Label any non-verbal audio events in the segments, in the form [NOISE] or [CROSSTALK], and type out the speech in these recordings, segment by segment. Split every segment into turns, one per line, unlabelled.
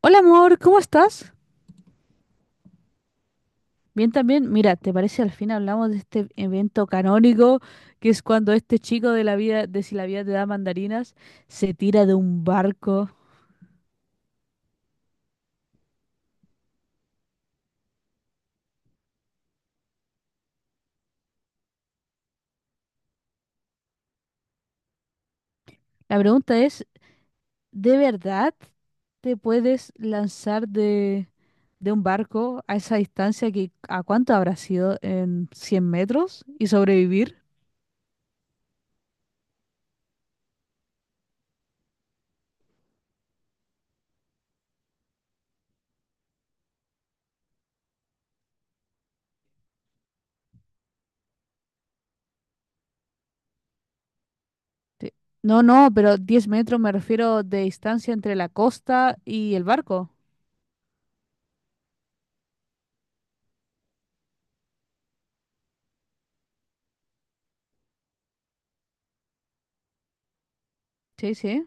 Hola amor, ¿cómo estás? Bien también. Mira, ¿te parece al fin hablamos de este evento canónico que es cuando este chico de la vida, de si la vida te da mandarinas, se tira de un barco? La pregunta es, ¿de verdad te puedes lanzar de un barco a esa distancia que a cuánto habrá sido en 100 metros y sobrevivir? Te- No, no, pero 10 metros me refiero de distancia entre la costa y el barco. Sí, sí.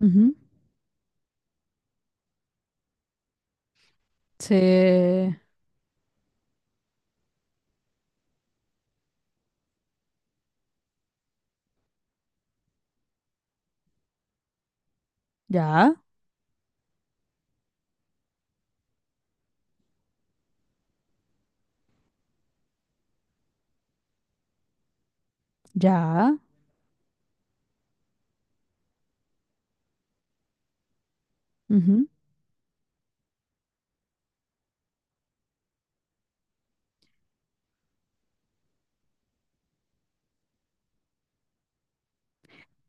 Ujú. Se- Ya, ya. Ujú.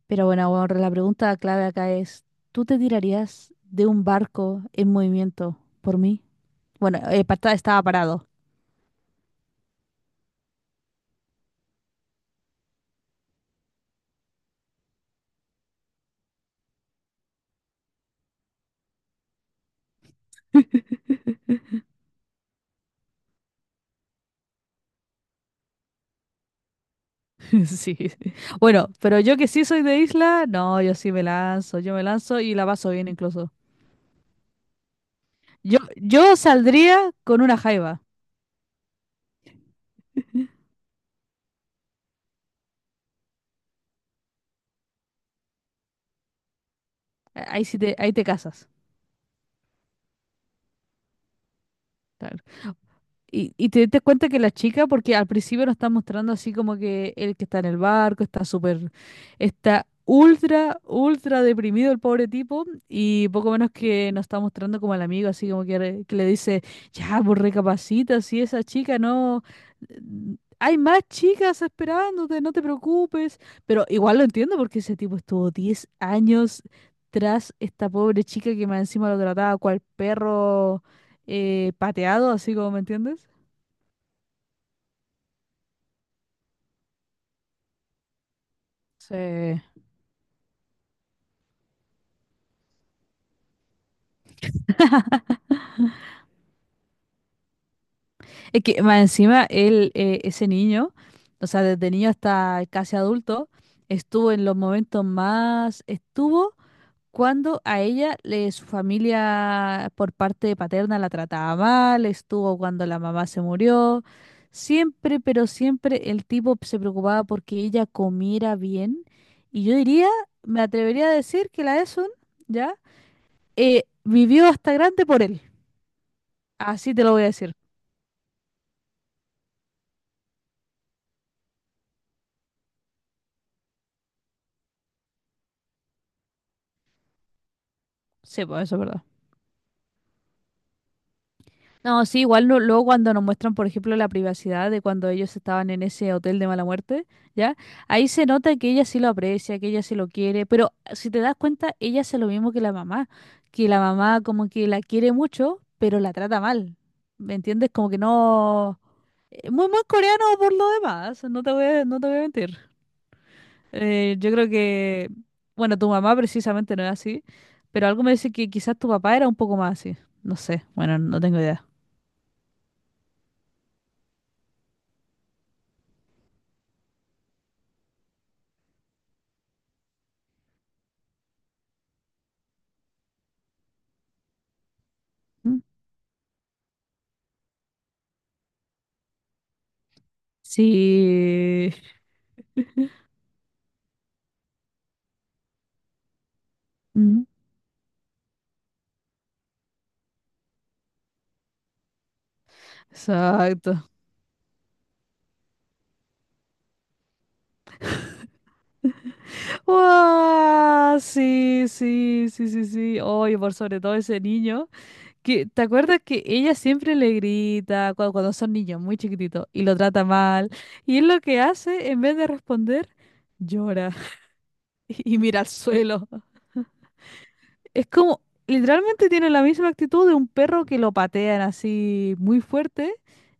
Pero bueno, ahora la pregunta clave acá es, ¿tú te tirarías de un barco en movimiento por mí? Bueno, estaba parado. [LAUGHS] Sí. Bueno, pero yo que sí soy de isla, no, yo sí me lanzo, yo me lanzo y la paso bien incluso. Yo saldría con una jaiba. Ahí sí te, ahí te casas. Claro. Y te diste cuenta que la chica, porque al principio lo está mostrando así como que el que está en el barco está súper, está ultra, ultra deprimido el pobre tipo y poco menos que nos está mostrando como al amigo, así como que, que le dice, ya, pues recapacita, si esa chica no, hay más chicas esperándote, no te preocupes, pero igual lo entiendo porque ese tipo estuvo 10 años tras esta pobre chica que más encima lo trataba cual perro pateado, así como, ¿me entiendes? Sí. Es que más encima él, ese niño, o sea, desde niño hasta casi adulto, estuvo en los momentos más, estuvo cuando a ella, le, su familia por parte paterna la trataba mal, estuvo cuando la mamá se murió. Siempre, pero siempre el tipo se preocupaba porque ella comiera bien. Y yo diría, me atrevería a decir que la Esun, ¿ya? Vivió hasta grande por él. Así te lo voy a decir. Sí, pues eso es verdad. No, sí, igual luego cuando nos muestran, por ejemplo, la privacidad de cuando ellos estaban en ese hotel de mala muerte, ¿ya? Ahí se nota que ella sí lo aprecia, que ella sí lo quiere, pero ah, si te das cuenta, ella hace lo mismo que la mamá como que la quiere mucho, pero la trata mal. ¿Me entiendes? Como que no... muy mal coreano por lo demás, no te voy a, no te voy a mentir. Yo creo que, bueno, tu mamá precisamente no es así, pero algo me dice que quizás tu papá era un poco más así. No sé, bueno, no tengo idea. ¿Mm? Sí. [LAUGHS] Mm. Exacto. Wow. Sí, sí, sí, sí, sí. Oye, por sobre todo ese niño, que ¿te acuerdas que ella siempre le grita cuando, cuando son niños muy chiquititos y lo trata mal? Y él lo que hace, en vez de responder, llora [LAUGHS] y mira al suelo. Es como, literalmente tiene la misma actitud de un perro que lo patean así muy fuerte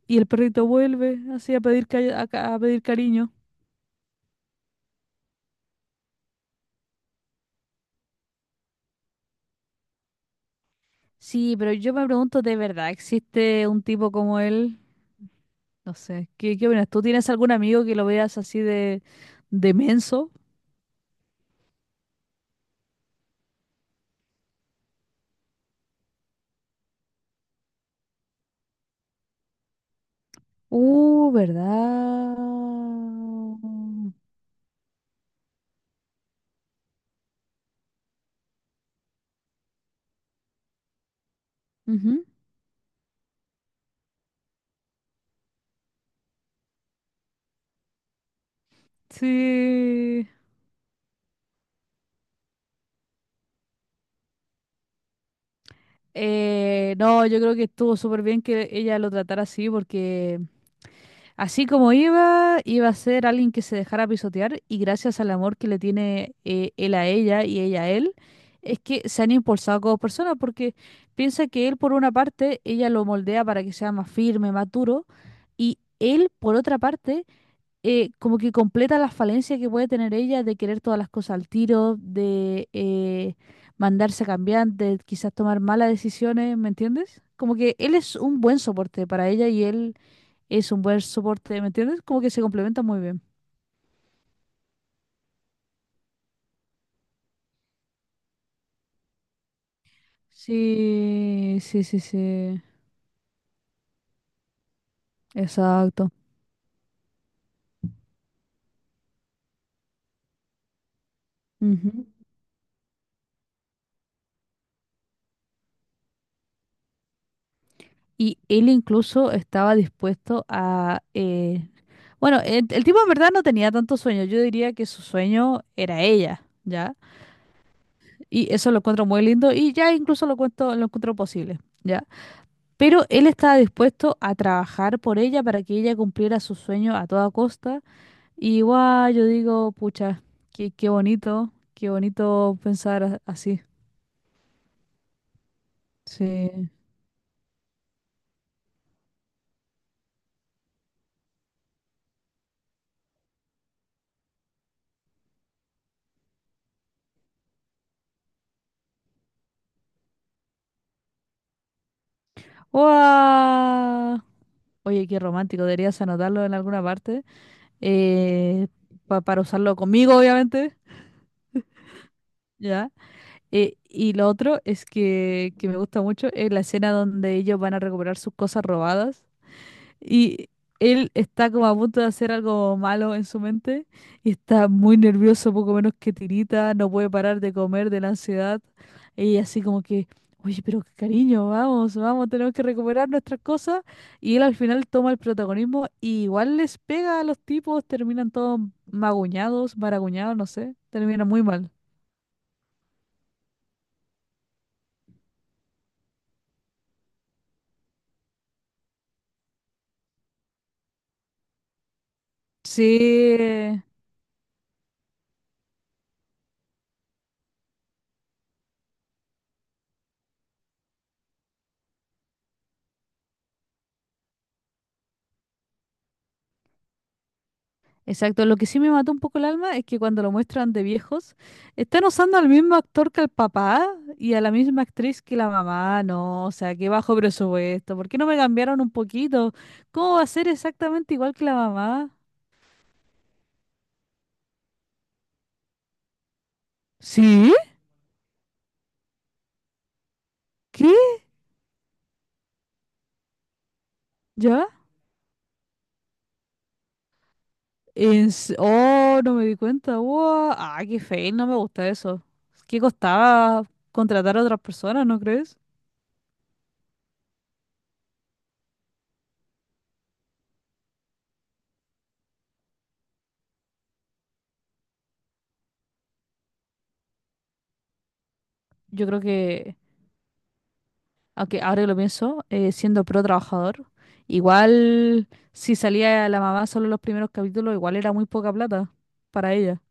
y el perrito vuelve así a pedir, a pedir cariño. Sí, pero yo me pregunto, ¿de verdad existe un tipo como él? No sé, ¿qué, qué opinas? ¿Tú tienes algún amigo que lo veas así de menso? ¿Verdad? Ujú. Sí. No, yo creo que estuvo súper bien que ella lo tratara así porque... Así como iba, iba a ser alguien que se dejara pisotear y gracias al amor que le tiene él a ella y ella a él, es que se han impulsado como personas porque piensa que él por una parte, ella lo moldea para que sea más firme, más duro y él por otra parte, como que completa la falencia que puede tener ella de querer todas las cosas al tiro, de mandarse a cambiar, de quizás tomar malas decisiones, ¿me entiendes? Como que él es un buen soporte para ella y él es un buen soporte, ¿me entiendes? Como que se complementa muy bien. Sí, sí, sí, sí, exacto. Ujú. Y él incluso estaba dispuesto a... bueno, el tipo en verdad no tenía tanto sueño, yo diría que su sueño era ella, ¿ya? Y eso lo encuentro muy lindo y ya incluso lo cuento, lo encuentro posible, ¿ya? Pero él estaba dispuesto a trabajar por ella para que ella cumpliera su sueño a toda costa. Y igual yo digo, pucha, qué, qué bonito pensar así. Sí. ¡Guau! Oye, qué romántico, deberías anotarlo en alguna parte eh, para usarlo conmigo, obviamente. ¿Ya? Y lo otro es que me gusta mucho es la escena donde ellos van a recuperar sus cosas robadas. Y él está como a punto de hacer algo malo en su mente y está muy nervioso, poco menos que tirita, no puede parar de comer de la ansiedad. Y así como que, oye, pero cariño, vamos, vamos, tenemos que recuperar nuestras cosas. Y él al final toma el protagonismo y igual les pega a los tipos, terminan todos maguñados, maraguñados, no sé, termina muy mal. Sí, exacto, lo que sí me mató un poco el alma es que cuando lo muestran de viejos, están usando al mismo actor que el papá y a la misma actriz que la mamá, no, o sea, qué bajo presupuesto, ¿por qué no me cambiaron un poquito? ¿Cómo va a ser exactamente igual que la mamá? ¿Sí? ¿Qué? ¿Ya? Oh, no me di cuenta, wow, ah, qué feo, no me gusta eso. ¿Qué costaba contratar a otras personas, no crees? Yo creo que aunque ahora que lo pienso, siendo pro trabajador, igual si salía la mamá solo los primeros capítulos, igual era muy poca plata para ella.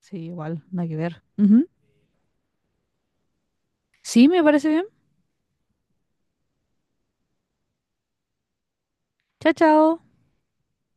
Sí, igual, nada que ver. Ujú. Sí, me parece bien. Chao, chao.